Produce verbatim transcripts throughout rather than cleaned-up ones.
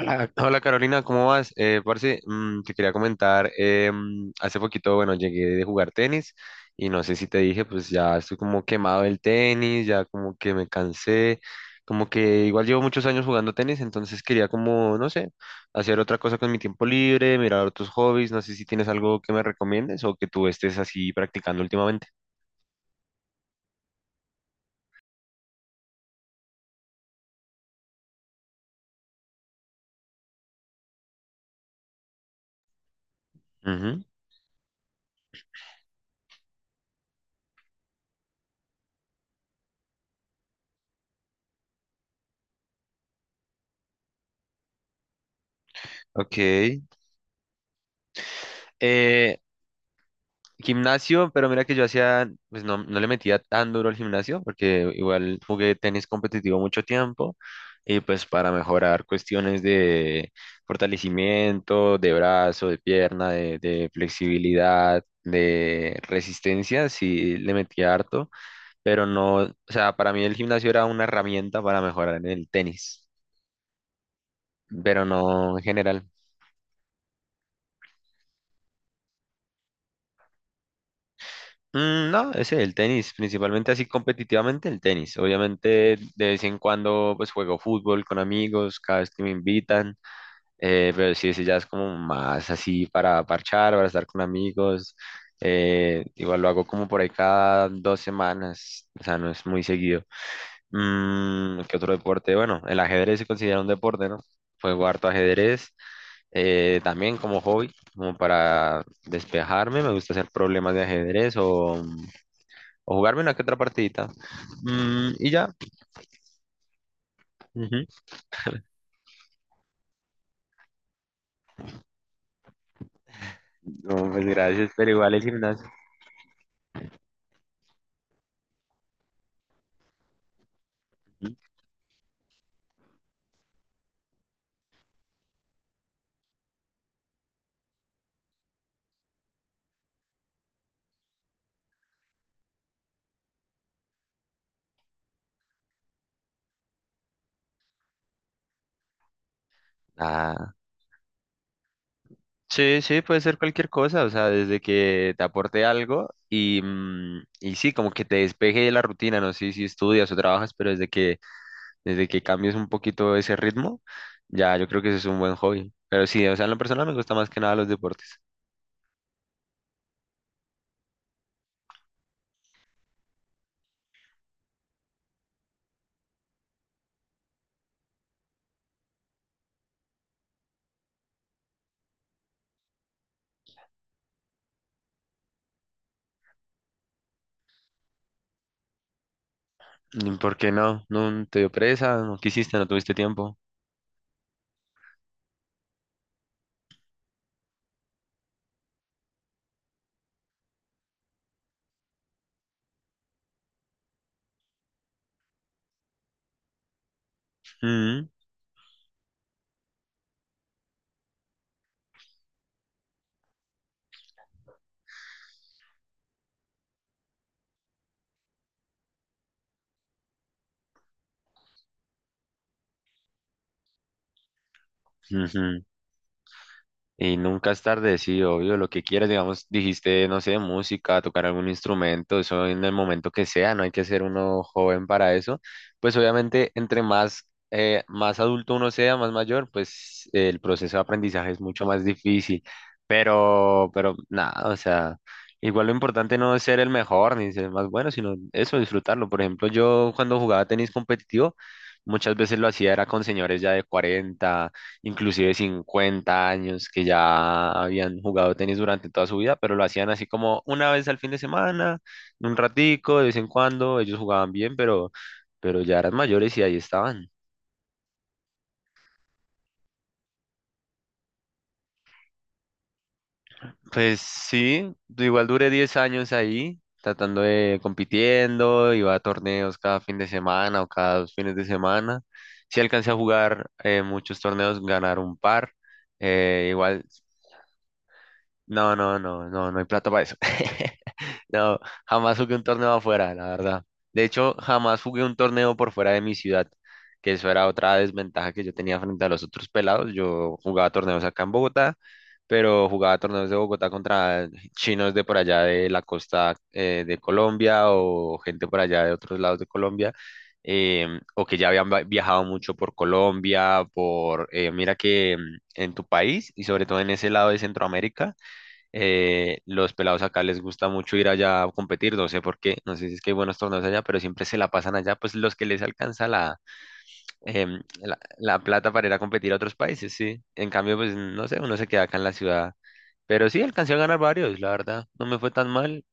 Hola, hola Carolina, ¿cómo vas? Eh, parce, mm, te quería comentar, eh, mm, hace poquito, bueno, llegué de jugar tenis y no sé si te dije, pues ya estoy como quemado del tenis, ya como que me cansé, como que igual llevo muchos años jugando tenis, entonces quería como, no sé, hacer otra cosa con mi tiempo libre, mirar otros hobbies, no sé si tienes algo que me recomiendes o que tú estés así practicando últimamente. Ujú. Ok. Eh, gimnasio, pero mira que yo hacía, pues no, no le metía tan duro al gimnasio, porque igual jugué tenis competitivo mucho tiempo, y pues para mejorar cuestiones de fortalecimiento, de brazo, de pierna, de, de flexibilidad, de resistencia, sí le metía harto, pero no, o sea, para mí el gimnasio era una herramienta para mejorar en el tenis, pero no en general. Mm, No, ese, el tenis, principalmente así competitivamente el tenis. Obviamente de vez en cuando pues juego fútbol con amigos, cada vez que me invitan, eh, pero sí, ese ya es como más así para parchar, para estar con amigos. Eh, igual lo hago como por ahí cada dos semanas, o sea, no es muy seguido. Mm, ¿qué otro deporte? Bueno, el ajedrez se considera un deporte, ¿no? Juego harto ajedrez, eh, también como hobby, como para despejarme, me gusta hacer problemas de ajedrez o o jugarme una que otra partidita. Mm, y ya. Ujú. No, pues gracias, pero igual el gimnasio. ¿Sí? Ah, sí, sí, puede ser cualquier cosa, o sea, desde que te aporte algo y, mm, y sí, como que te despeje de la rutina, no sé si estudias o trabajas, pero desde que, desde que cambies un poquito ese ritmo, ya yo creo que ese es un buen hobby. Pero sí, o sea, en lo personal me gusta más que nada los deportes. Mm, ¿Por qué no? ¿No te dio presa? ¿No quisiste? ¿No tuviste tiempo? Mm. Ujú. Y nunca es tarde, sí, obvio, lo que quieras, digamos, dijiste, no sé, música, tocar algún instrumento, eso en el momento que sea, no hay que ser uno joven para eso. Pues obviamente, entre más, eh, más adulto uno sea, más mayor, pues eh, el proceso de aprendizaje es mucho más difícil. Pero, pero nada, o sea, igual lo importante no es ser el mejor ni ser el más bueno, sino eso, disfrutarlo. Por ejemplo, yo cuando jugaba tenis competitivo, muchas veces lo hacía era con señores ya de cuarenta inclusive cincuenta años, que ya habían jugado tenis durante toda su vida, pero lo hacían así como una vez al fin de semana, un ratico, de vez en cuando, ellos jugaban bien, pero, pero ya eran mayores y ahí estaban. Pues sí, igual duré diez años ahí, tratando de compitiendo, iba a torneos cada fin de semana o cada dos fines de semana. Sí alcancé a jugar eh, muchos torneos, ganar un par. Eh, igual No, no, no, no, no hay plata para eso. No, jamás jugué un torneo afuera, la verdad. De hecho, jamás jugué un torneo por fuera de mi ciudad, que eso era otra desventaja que yo tenía frente a los otros pelados. Yo jugaba torneos acá en Bogotá, pero jugaba torneos de Bogotá contra chinos de por allá de la costa eh, de Colombia o gente por allá de otros lados de Colombia. Em, o que ya habían va- viajado mucho por Colombia, por, eh, mira que em, en tu país y sobre todo en ese lado de Centroamérica, eh, los pelados acá les gusta mucho ir allá a competir, no sé por qué, no sé si es que hay buenos torneos allá, pero siempre se la pasan allá, pues los que les alcanza la, em, la, la plata para ir a competir a otros países, sí. En cambio, pues no sé, uno se queda acá en la ciudad. Pero sí, alcancé a ganar varios, la verdad, no me fue tan mal.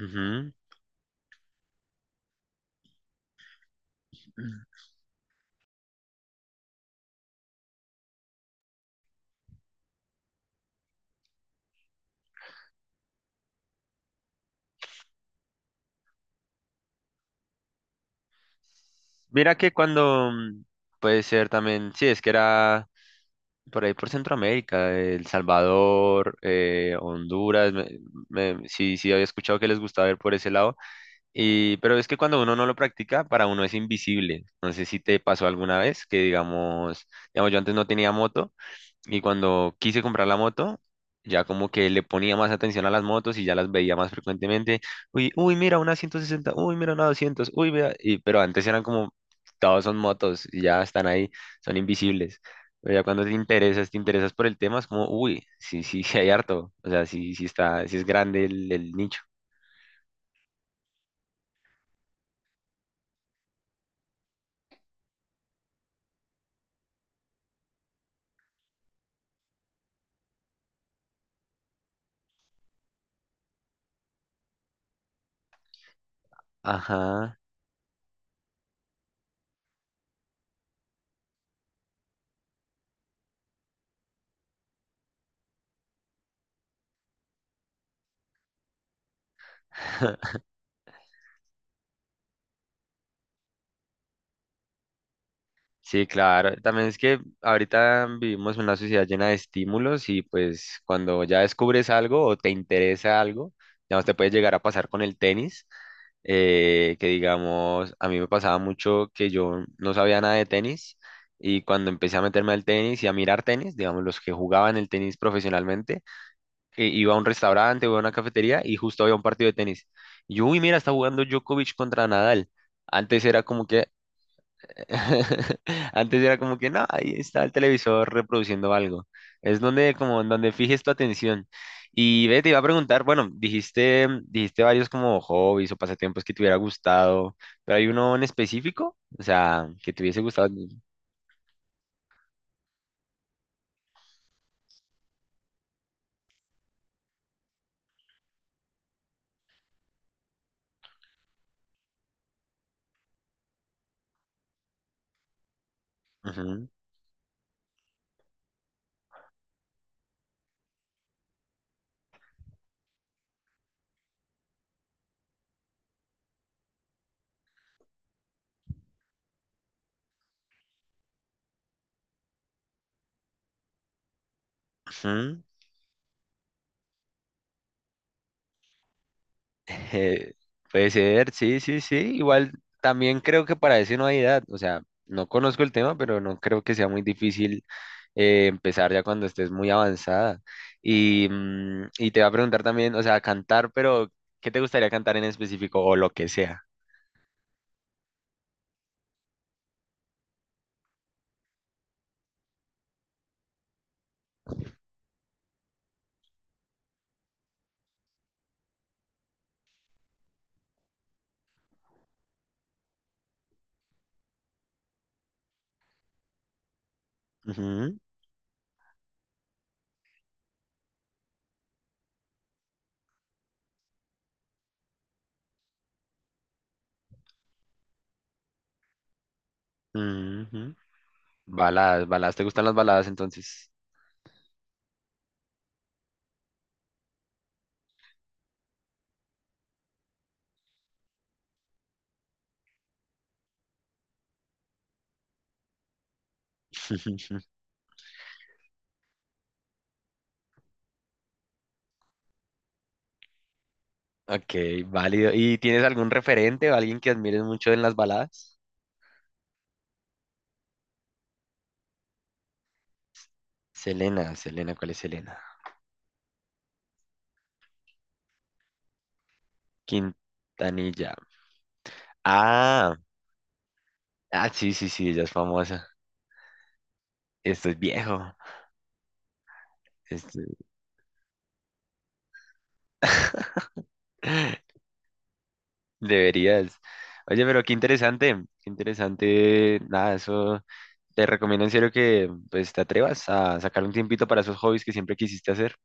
Ujú. Mira que cuando mm, puede ser también, sí, es que era por ahí por Centroamérica, El Salvador, eh, Honduras, me- me- sí, sí, había escuchado que les gustaba ir por ese lado. Y, pero es que cuando uno no lo practica, para uno es invisible. No sé si te pasó alguna vez que, digamos, digamos, yo antes no tenía moto y cuando quise comprar la moto, ya como que le ponía más atención a las motos y ya las veía más frecuentemente. Uy, uy, mira una ciento sesenta, uy, mira una doscientos, uy, vea. Y, pero antes eran como, todos son motos y ya están ahí, son invisibles. Pero ya cuando te interesas, te interesas por el tema, es como, uy, sí, sí, sí hay harto. O sea, sí, sí está, sí es grande el, el nicho. Ajá. Sí, claro. También es que ahorita vivimos en una sociedad llena de estímulos y pues cuando ya descubres algo o te interesa algo, digamos, te puede llegar a pasar con el tenis, eh, que digamos, a mí me pasaba mucho que yo no sabía nada de tenis y cuando empecé a meterme al tenis y a mirar tenis, digamos, los que jugaban el tenis profesionalmente, eh, iba a un restaurante, iba a una cafetería y justo había un partido de tenis. Y yo, uy, mira, está jugando Djokovic contra Nadal. Antes era como que, antes era como que no, ahí está el televisor reproduciendo algo. Es donde como en donde fijes tu atención. Y ve, te iba a preguntar, bueno, dijiste, dijiste varios como hobbies o pasatiempos que te hubiera gustado, pero hay uno en específico, o sea, que te hubiese gustado. Ujú, ujú. Eh, puede ser, sí, sí, sí. Igual también creo que para eso no hay edad, o sea, no conozco el tema, pero no creo que sea muy difícil eh, empezar ya cuando estés muy avanzada. Y, mm, y te va a preguntar también, o sea, cantar, pero ¿qué te gustaría cantar en específico o lo que sea? Ujú, ujú. Baladas, baladas, ¿te gustan las baladas entonces? Ujú. Ok, válido. ¿Y tienes algún referente o alguien que admires mucho en las baladas? Selena, Selena, ¿cuál es Selena? Quintanilla. Ah, ah, sí, sí, sí, ella es famosa. Esto es viejo. Esto- Deberías. Oye, pero qué interesante, qué interesante. Nada, eso te recomiendo en serio que pues te atrevas a sacar un tiempito para esos hobbies que siempre quisiste hacer.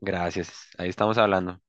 Gracias. Ahí estamos hablando.